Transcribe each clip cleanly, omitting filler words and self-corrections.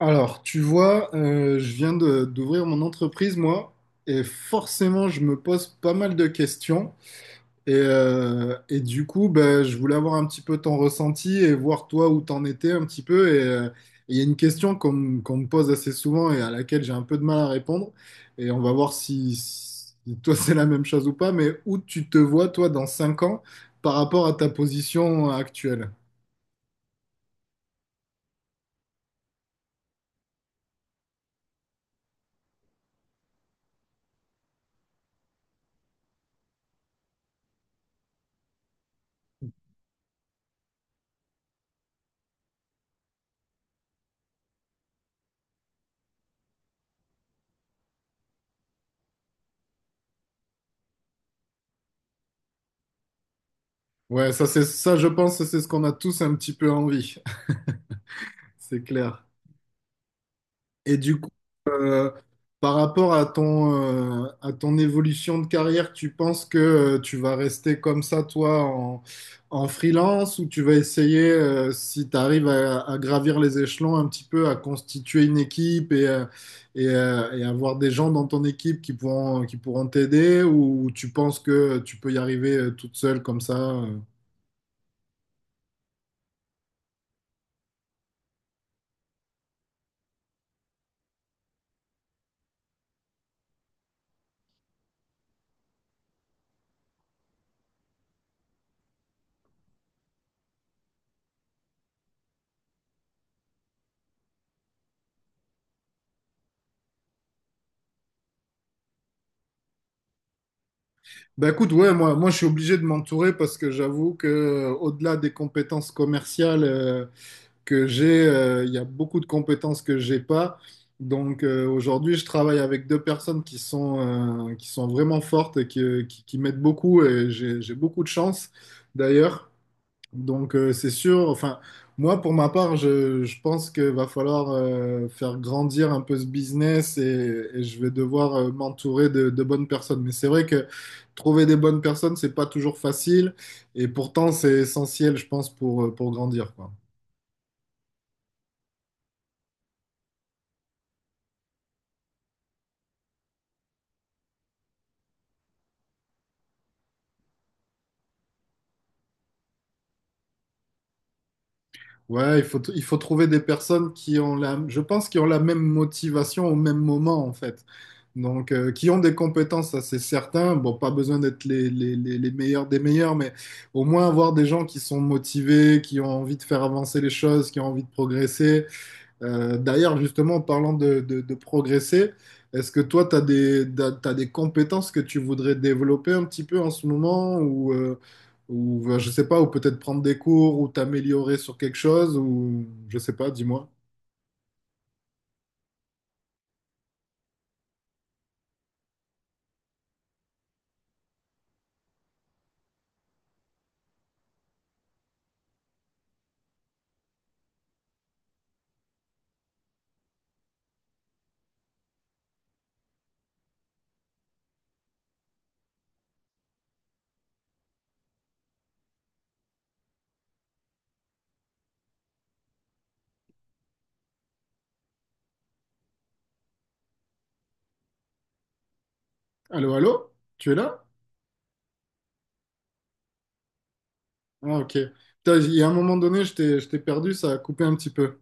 Alors, tu vois, je viens d'ouvrir mon entreprise, moi, et forcément, je me pose pas mal de questions. Et du coup, ben, je voulais avoir un petit peu ton ressenti et voir toi où t'en étais un petit peu. Il y a une question qu'on me pose assez souvent et à laquelle j'ai un peu de mal à répondre. Et on va voir si toi, c'est la même chose ou pas, mais où tu te vois, toi, dans 5 ans par rapport à ta position actuelle. Ouais, ça, c'est ça, je pense, que c'est ce qu'on a tous un petit peu envie. C'est clair. Et du coup, euh, par rapport à ton évolution de carrière, tu penses que tu vas rester comme ça, toi, en freelance, ou tu vas essayer, si tu arrives à gravir les échelons un petit peu, à constituer une équipe et avoir des gens dans ton équipe qui pourront t'aider, ou tu penses que tu peux y arriver toute seule comme ça? Bah écoute, ouais, moi je suis obligé de m'entourer parce que j'avoue que au-delà des compétences commerciales, que j'ai, il y a beaucoup de compétences que j'ai pas. Donc, aujourd'hui, je travaille avec deux personnes qui sont vraiment fortes et qui m'aident beaucoup et j'ai beaucoup de chance d'ailleurs. Donc, c'est sûr, enfin, moi pour ma part, je pense qu'il va falloir faire grandir un peu ce business et je vais devoir m'entourer de bonnes personnes. Mais c'est vrai que trouver des bonnes personnes, c'est pas toujours facile et pourtant c'est essentiel, je pense, pour grandir, quoi. Ouais, il faut, il faut trouver des personnes qui ont la, je pense, qui ont la même motivation au même moment, en fait. Donc, qui ont des compétences, ça c'est certain. Bon, pas besoin d'être les meilleurs des meilleurs, mais au moins avoir des gens qui sont motivés, qui ont envie de faire avancer les choses, qui ont envie de progresser. D'ailleurs, justement, en parlant de, de progresser, est-ce que toi, tu as des, t'as des compétences que tu voudrais développer un petit peu en ce moment ou je sais pas, ou peut-être prendre des cours ou t'améliorer sur quelque chose ou je sais pas, dis-moi. Allô, allô? Tu es là? Ah, ok. Putain, il y a un moment donné, je t'ai perdu, ça a coupé un petit peu.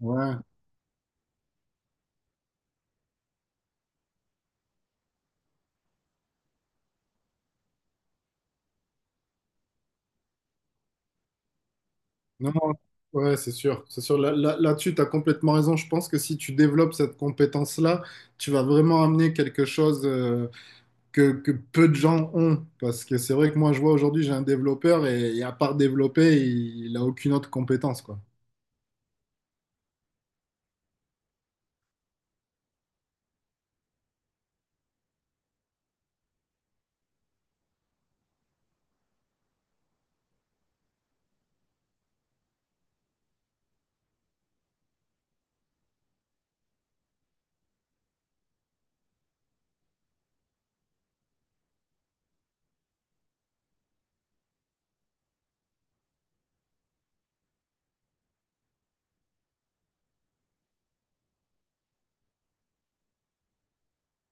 Ouais, non, non, ouais, c'est sûr, c'est sûr. Là-dessus, tu as complètement raison. Je pense que si tu développes cette compétence-là, tu vas vraiment amener quelque chose, que peu de gens ont. Parce que c'est vrai que moi, je vois aujourd'hui, j'ai un développeur et à part développer, il n'a aucune autre compétence, quoi.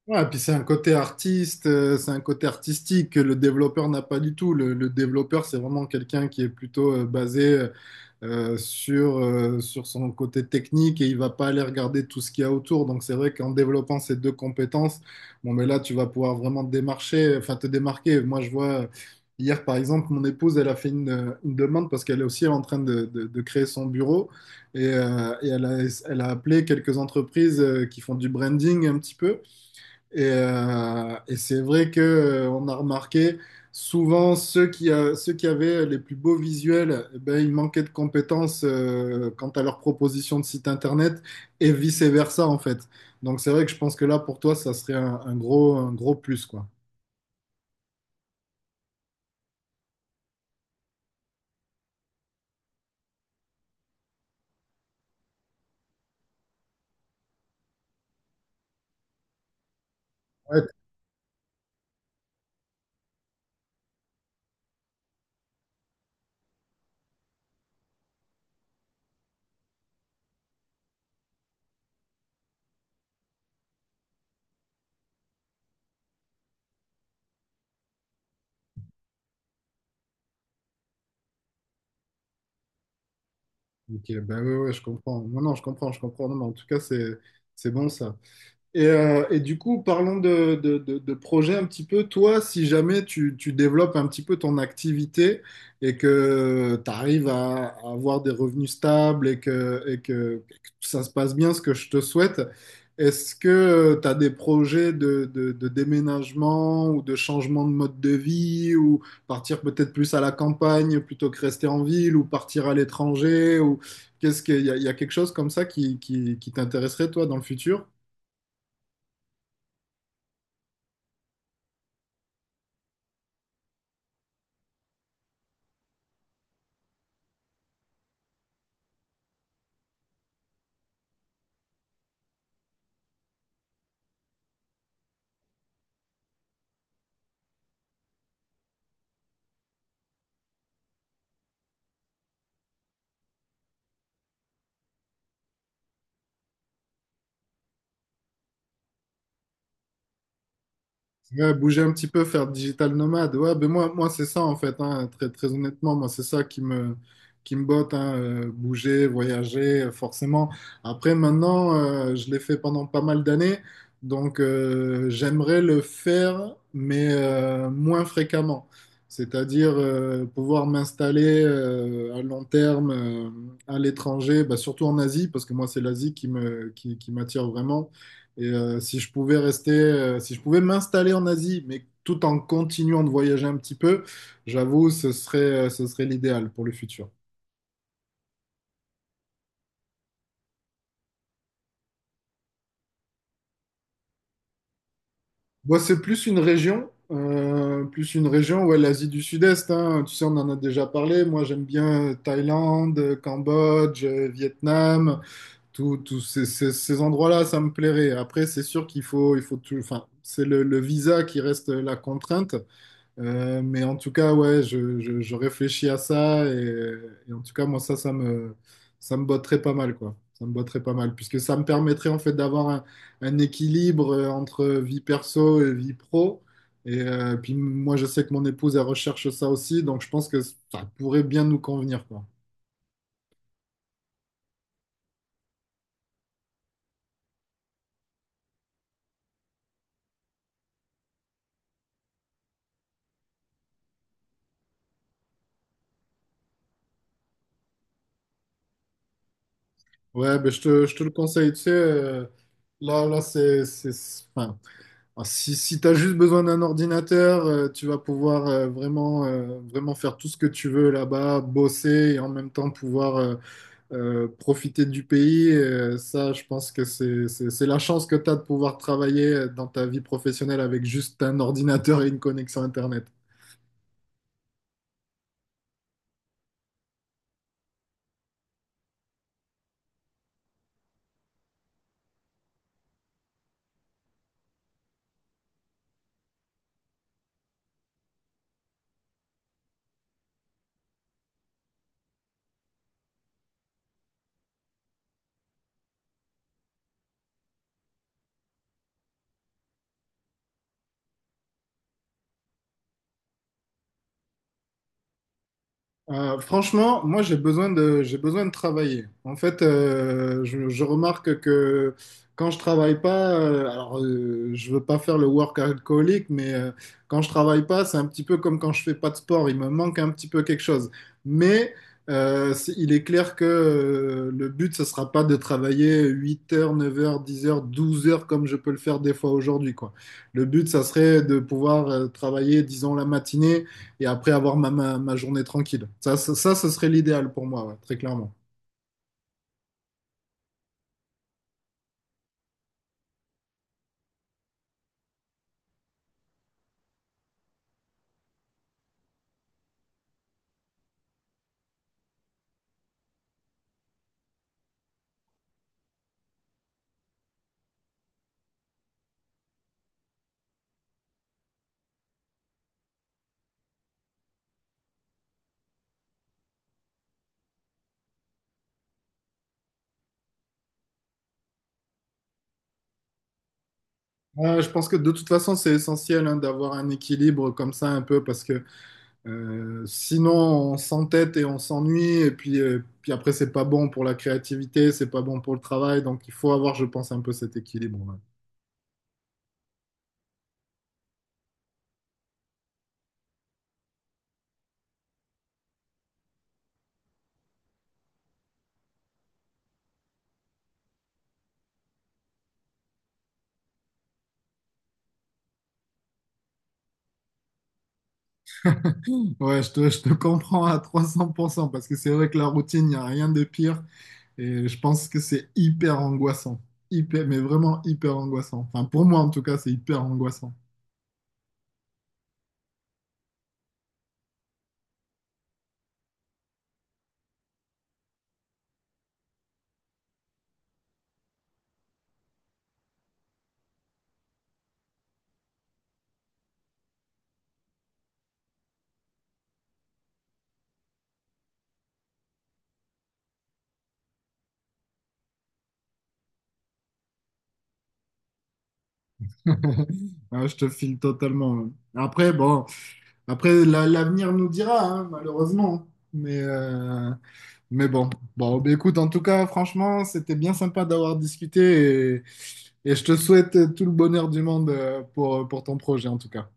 Ouais, puis c'est un côté artiste, c'est un côté artistique que le développeur n'a pas du tout. Le développeur, c'est vraiment quelqu'un qui est plutôt basé sur, sur son côté technique et il va pas aller regarder tout ce qu'il y a autour. Donc c'est vrai qu'en développant ces deux compétences, bon, mais là, tu vas pouvoir vraiment te démarcher, enfin te démarquer. Moi, je vois. Hier, par exemple, mon épouse, elle a fait une demande parce qu'elle est aussi en train de, de créer son bureau et elle a, elle a appelé quelques entreprises qui font du branding un petit peu. Et c'est vrai que on a remarqué souvent ceux qui avaient les plus beaux visuels, eh ben, ils manquaient de compétences quant à leur proposition de site internet et vice-versa en fait. Donc c'est vrai que je pense que là pour toi ça serait un gros plus quoi. Ouais, ok, ben ouais, ouais, je comprends. Non, non, je comprends, je comprends. Non, mais en tout cas c'est bon ça. Et du coup, parlons de, de projet un petit peu. Toi, si jamais tu, tu développes un petit peu ton activité et que tu arrives à avoir des revenus stables et que, et que, et que ça se passe bien, ce que je te souhaite, est-ce que tu as des projets de, de déménagement ou de changement de mode de vie ou partir peut-être plus à la campagne plutôt que rester en ville ou partir à l'étranger ou qu'est-ce qu'il y a, il y a quelque chose comme ça qui t'intéresserait toi dans le futur? Ouais, bouger un petit peu, faire digital nomade. Ouais, ben moi, moi c'est ça en fait, hein, très, très honnêtement, moi c'est ça qui me botte, hein, bouger, voyager, forcément. Après, maintenant, je l'ai fait pendant pas mal d'années, donc j'aimerais le faire, mais moins fréquemment. C'est-à-dire pouvoir m'installer à long terme à l'étranger, bah, surtout en Asie, parce que moi c'est l'Asie qui me, qui m'attire vraiment. Et si je pouvais rester, si je pouvais m'installer en Asie, mais tout en continuant de voyager un petit peu, j'avoue, ce serait l'idéal pour le futur. Moi, c'est plus une région, ouais, l'Asie du Sud-Est, hein. Tu sais, on en a déjà parlé. Moi, j'aime bien Thaïlande, Cambodge, Vietnam, tous ces, ces endroits-là, ça me plairait. Après, c'est sûr qu'il faut, il faut tout, enfin, c'est le visa qui reste la contrainte. Mais en tout cas, ouais, je, je réfléchis à ça et en tout cas, moi, ça, ça me botterait pas mal, quoi. Ça me botterait pas mal, puisque ça me permettrait en fait d'avoir un équilibre entre vie perso et vie pro. Et puis moi, je sais que mon épouse, elle recherche ça aussi, donc je pense que ça pourrait bien nous convenir, quoi. Ouais, ben, je te le conseille, tu sais, là, là, c'est, enfin, alors, si si tu as juste besoin d'un ordinateur, tu vas pouvoir vraiment, vraiment faire tout ce que tu veux là-bas, bosser et en même temps pouvoir profiter du pays. Ça, je pense que c'est la chance que tu as de pouvoir travailler dans ta vie professionnelle avec juste un ordinateur et une connexion Internet. Franchement, moi j'ai besoin de travailler. En fait, je remarque que quand je travaille pas, alors je veux pas faire le work alcoolique, mais quand je travaille pas, c'est un petit peu comme quand je fais pas de sport, il me manque un petit peu quelque chose. Mais il est clair que le but ce sera pas de travailler 8 heures, 9 heures, 10 heures, 12 heures comme je peux le faire des fois aujourd'hui quoi. Le but ça serait de pouvoir travailler disons la matinée et après avoir ma, ma, ma journée tranquille. Ça, ce serait l'idéal pour moi, ouais, très clairement. Je pense que de toute façon, c'est essentiel hein, d'avoir un équilibre comme ça un peu parce que sinon on s'entête et on s'ennuie et puis, puis après c'est pas bon pour la créativité, c'est pas bon pour le travail. Donc il faut avoir, je pense, un peu cet équilibre. Ouais, ouais, je te comprends à 300% parce que c'est vrai que la routine, il n'y a rien de pire et je pense que c'est hyper angoissant. Hyper, mais vraiment hyper angoissant. Enfin, pour moi en tout cas, c'est hyper angoissant. Ah, je te file totalement. Hein. Après, bon, après, l'avenir nous dira, hein, malheureusement. Mais, euh, mais bon. Bon, bah, écoute, en tout cas, franchement, c'était bien sympa d'avoir discuté et je te souhaite tout le bonheur du monde pour ton projet, en tout cas.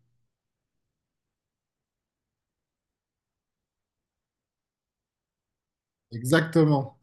Exactement.